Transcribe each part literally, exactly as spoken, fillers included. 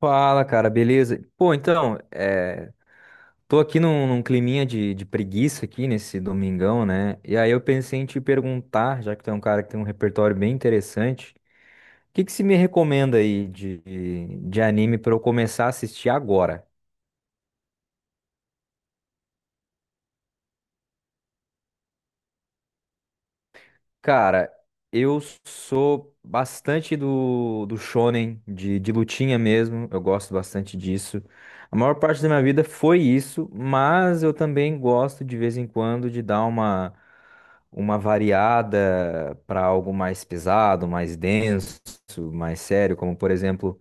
Fala, cara, beleza? Pô, então, é, tô aqui num, num climinha de, de preguiça aqui nesse domingão, né? E aí eu pensei em te perguntar, já que tu é um cara que tem um repertório bem interessante, o que que se me recomenda aí de, de de anime pra eu começar a assistir agora? Cara, eu sou bastante do, do shonen, de, de lutinha mesmo. Eu gosto bastante disso. A maior parte da minha vida foi isso, mas eu também gosto de vez em quando de dar uma, uma variada para algo mais pesado, mais denso, mais sério, como por exemplo,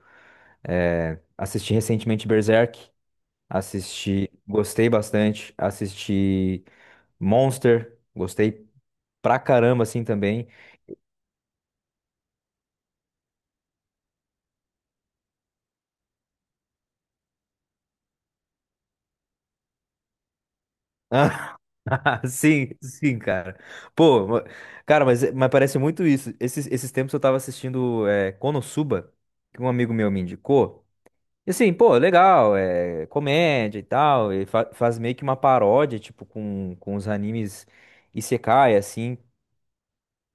eh, assisti recentemente Berserk, assisti, gostei bastante, assisti Monster, gostei pra caramba assim também. Sim, sim, cara. Pô, ma- cara, mas, mas parece muito isso. Esses, esses tempos eu tava assistindo é, Konosuba, que um amigo meu me indicou. E assim, pô, legal, é comédia e tal. E fa- faz meio que uma paródia, tipo, com, com os animes Isekai, assim,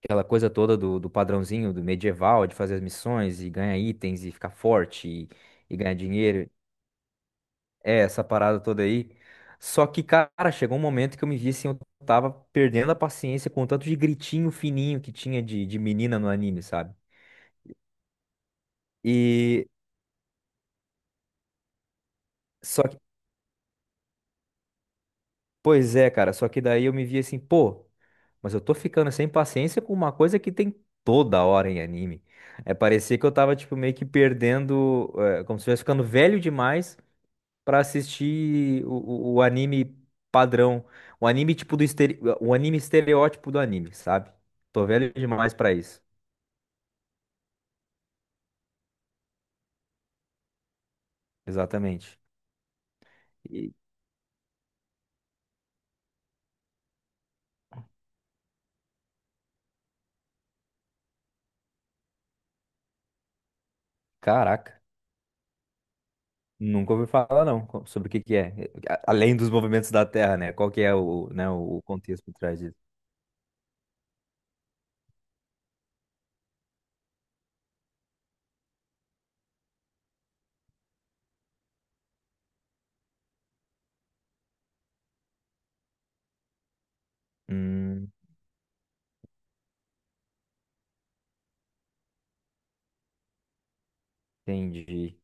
aquela coisa toda do, do padrãozinho do medieval, de fazer as missões e ganhar itens e ficar forte e, e ganhar dinheiro. É, essa parada toda aí. Só que, cara, chegou um momento que eu me vi assim, eu tava perdendo a paciência com o tanto de gritinho fininho que tinha de, de menina no anime, sabe? E só que, pois é, cara, só que daí eu me vi assim, pô, mas eu tô ficando sem paciência com uma coisa que tem toda hora em anime. É, parecia que eu tava, tipo, meio que perdendo, é, como se eu estivesse ficando velho demais pra assistir o, o- o anime padrão, o anime tipo do estere... o anime estereótipo do anime, sabe? Tô velho demais pra isso. Exatamente. E, caraca, nunca ouvi falar não co- sobre o que que é, A- além dos movimentos da Terra, né? Qual que é o, né, o contexto por trás disso? Hum, entendi,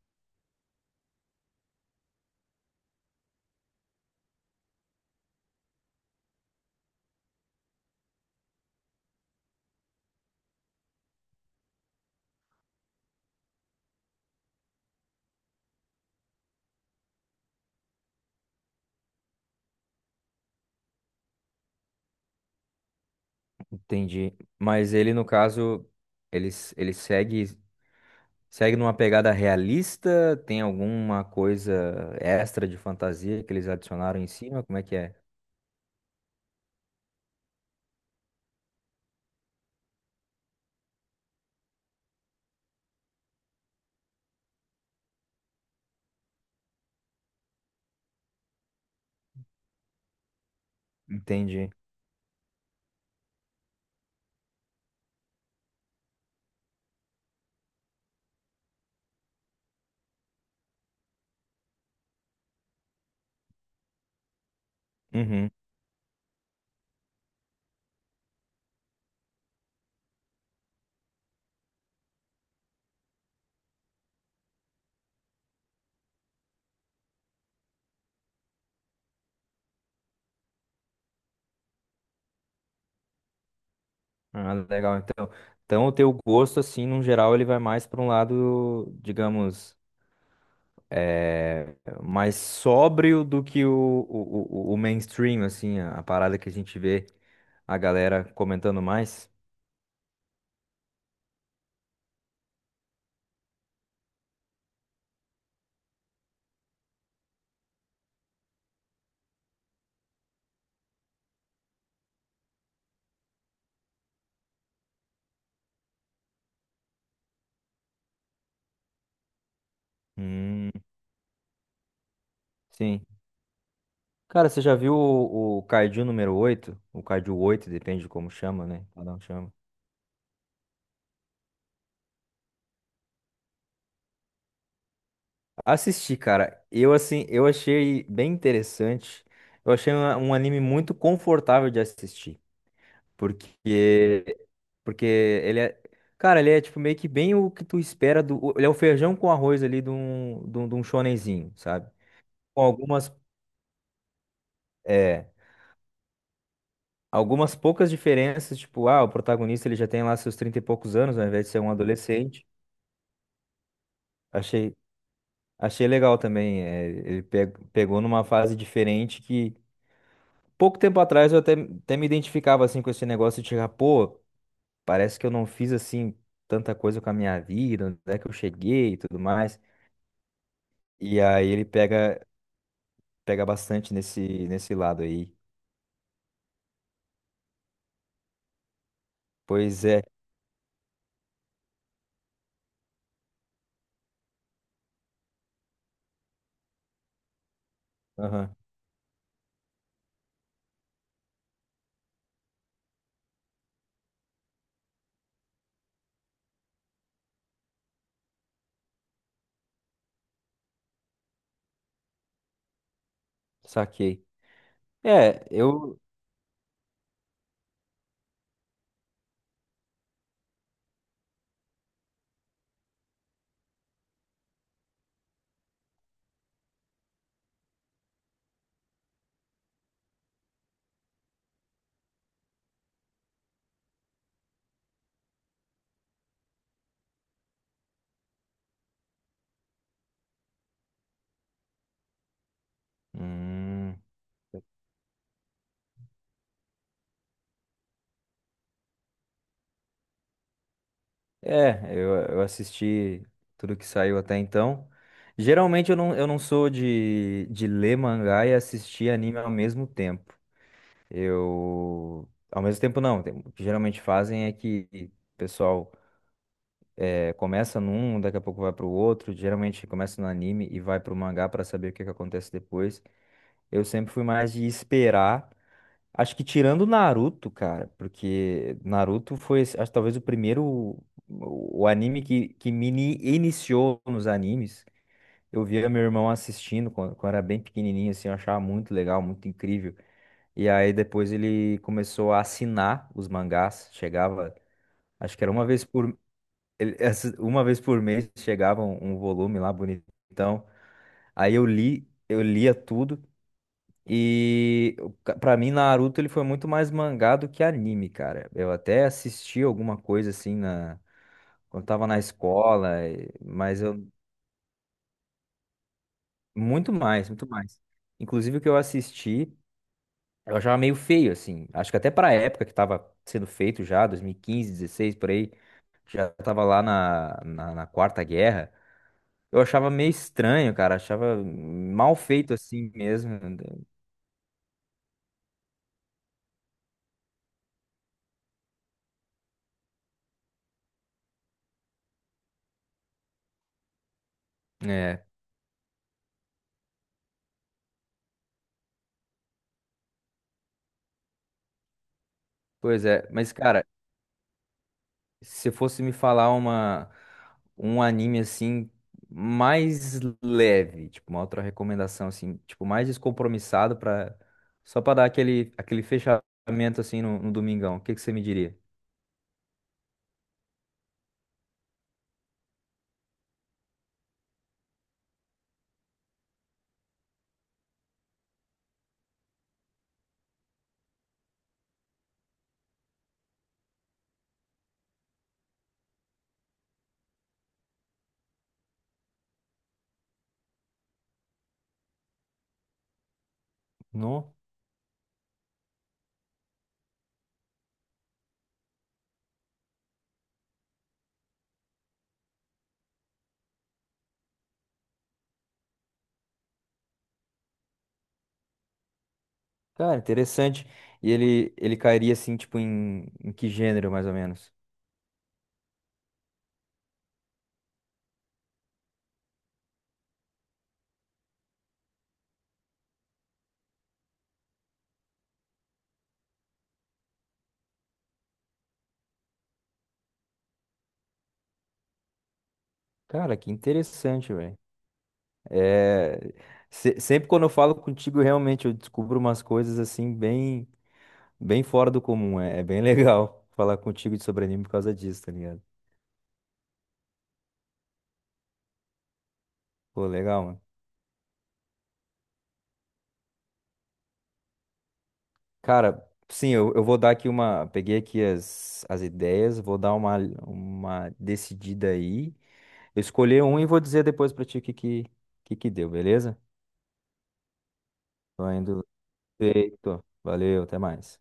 entendi. Mas ele no caso, ele, s- ele segue Segue numa pegada realista? Tem alguma coisa extra de fantasia que eles adicionaram em cima? Como é que é? Entendi. Uhum. Ah, legal. Então, então o teu gosto, assim, no geral, ele vai mais para um lado, digamos, é, mais sóbrio do que o, o, o o mainstream, assim, a a parada que a gente vê a galera comentando mais. Hum, sim. Cara, você já viu o, o Kaiju número oito? O Kaiju oito depende de como chama, né? Cada um chama. Assisti, cara. Eu assim, eu achei bem interessante. Eu achei uma- um anime muito confortável de assistir, porque porque ele é, cara, ele é tipo meio que bem o que tu espera do, ele é o feijão com arroz ali de um de um, de um shonenzinho, sabe? Com algumas é, algumas poucas diferenças, tipo, ah, o protagonista ele já tem lá seus trinta e poucos anos, ao invés de ser um adolescente. Achei achei legal também, é, ele pe- pegou numa fase diferente. Pouco tempo atrás eu até, até me identificava assim com esse negócio de chegar, pô, parece que eu não fiz assim tanta coisa com a minha vida, onde é que eu cheguei e tudo mais. E aí ele pega pega bastante nesse nesse lado aí. Pois é. Aham, saquei. É, eu Hum, é, eu, eu assisti tudo que saiu até então. Geralmente eu não, eu não sou de, de ler mangá e assistir anime ao mesmo tempo. Eu, ao mesmo tempo não, tem- o que geralmente fazem é que o pessoal é, começa num, daqui a pouco vai para o outro, geralmente começa no anime e vai para o mangá para saber o que que acontece depois. Eu sempre fui mais de esperar, acho que tirando Naruto, cara, porque Naruto foi, esse- acho, que talvez o primeiro, o, o anime que, que me ini- iniciou nos animes. Eu via meu irmão assistindo quando, quando era bem pequenininho, assim, eu achava muito legal, muito incrível. E aí depois ele começou a assinar os mangás. Chegava, acho que era uma vez por ele- essa- uma vez por mês chegava um, um volume lá bonitão. Aí eu li, eu lia tudo e o ca- pra mim Naruto ele foi muito mais mangá do que anime, cara. Eu até assisti alguma coisa assim na quando tava na escola, e- mas eu muito mais, muito mais. Inclusive o que eu assisti. Eu achava meio feio, assim. Acho que até pra época que tava sendo feito já, dois mil e quinze dezesseis por aí, já tava lá na, na, na Quarta Guerra. Eu achava meio estranho, cara. Achava mal feito assim mesmo. É, pois é. Mas, cara, se fosse me falar uma, um anime assim, mais leve, tipo, uma outra recomendação, assim, tipo, mais descompromissado pra. Só pra dar aquele, aquele fechamento assim no, no domingão, o que que você me diria? Não? Cara, interessante. E ele, ele cairia assim, tipo, em, em que gênero, mais ou menos? Cara, que interessante, velho. É... se- sempre quando eu falo contigo, realmente eu descubro umas coisas assim, bem, bem fora do comum. É, é bem legal falar contigo de sobre anime por causa disso, tá ligado? Pô, legal, mano. Cara, sim, eu, eu vou dar aqui uma. Peguei aqui as, as ideias, vou dar uma, uma decidida aí. Eu escolhi um e vou dizer depois pra ti o que, que, que que deu, beleza? Tô indo. Feito. Valeu, até mais.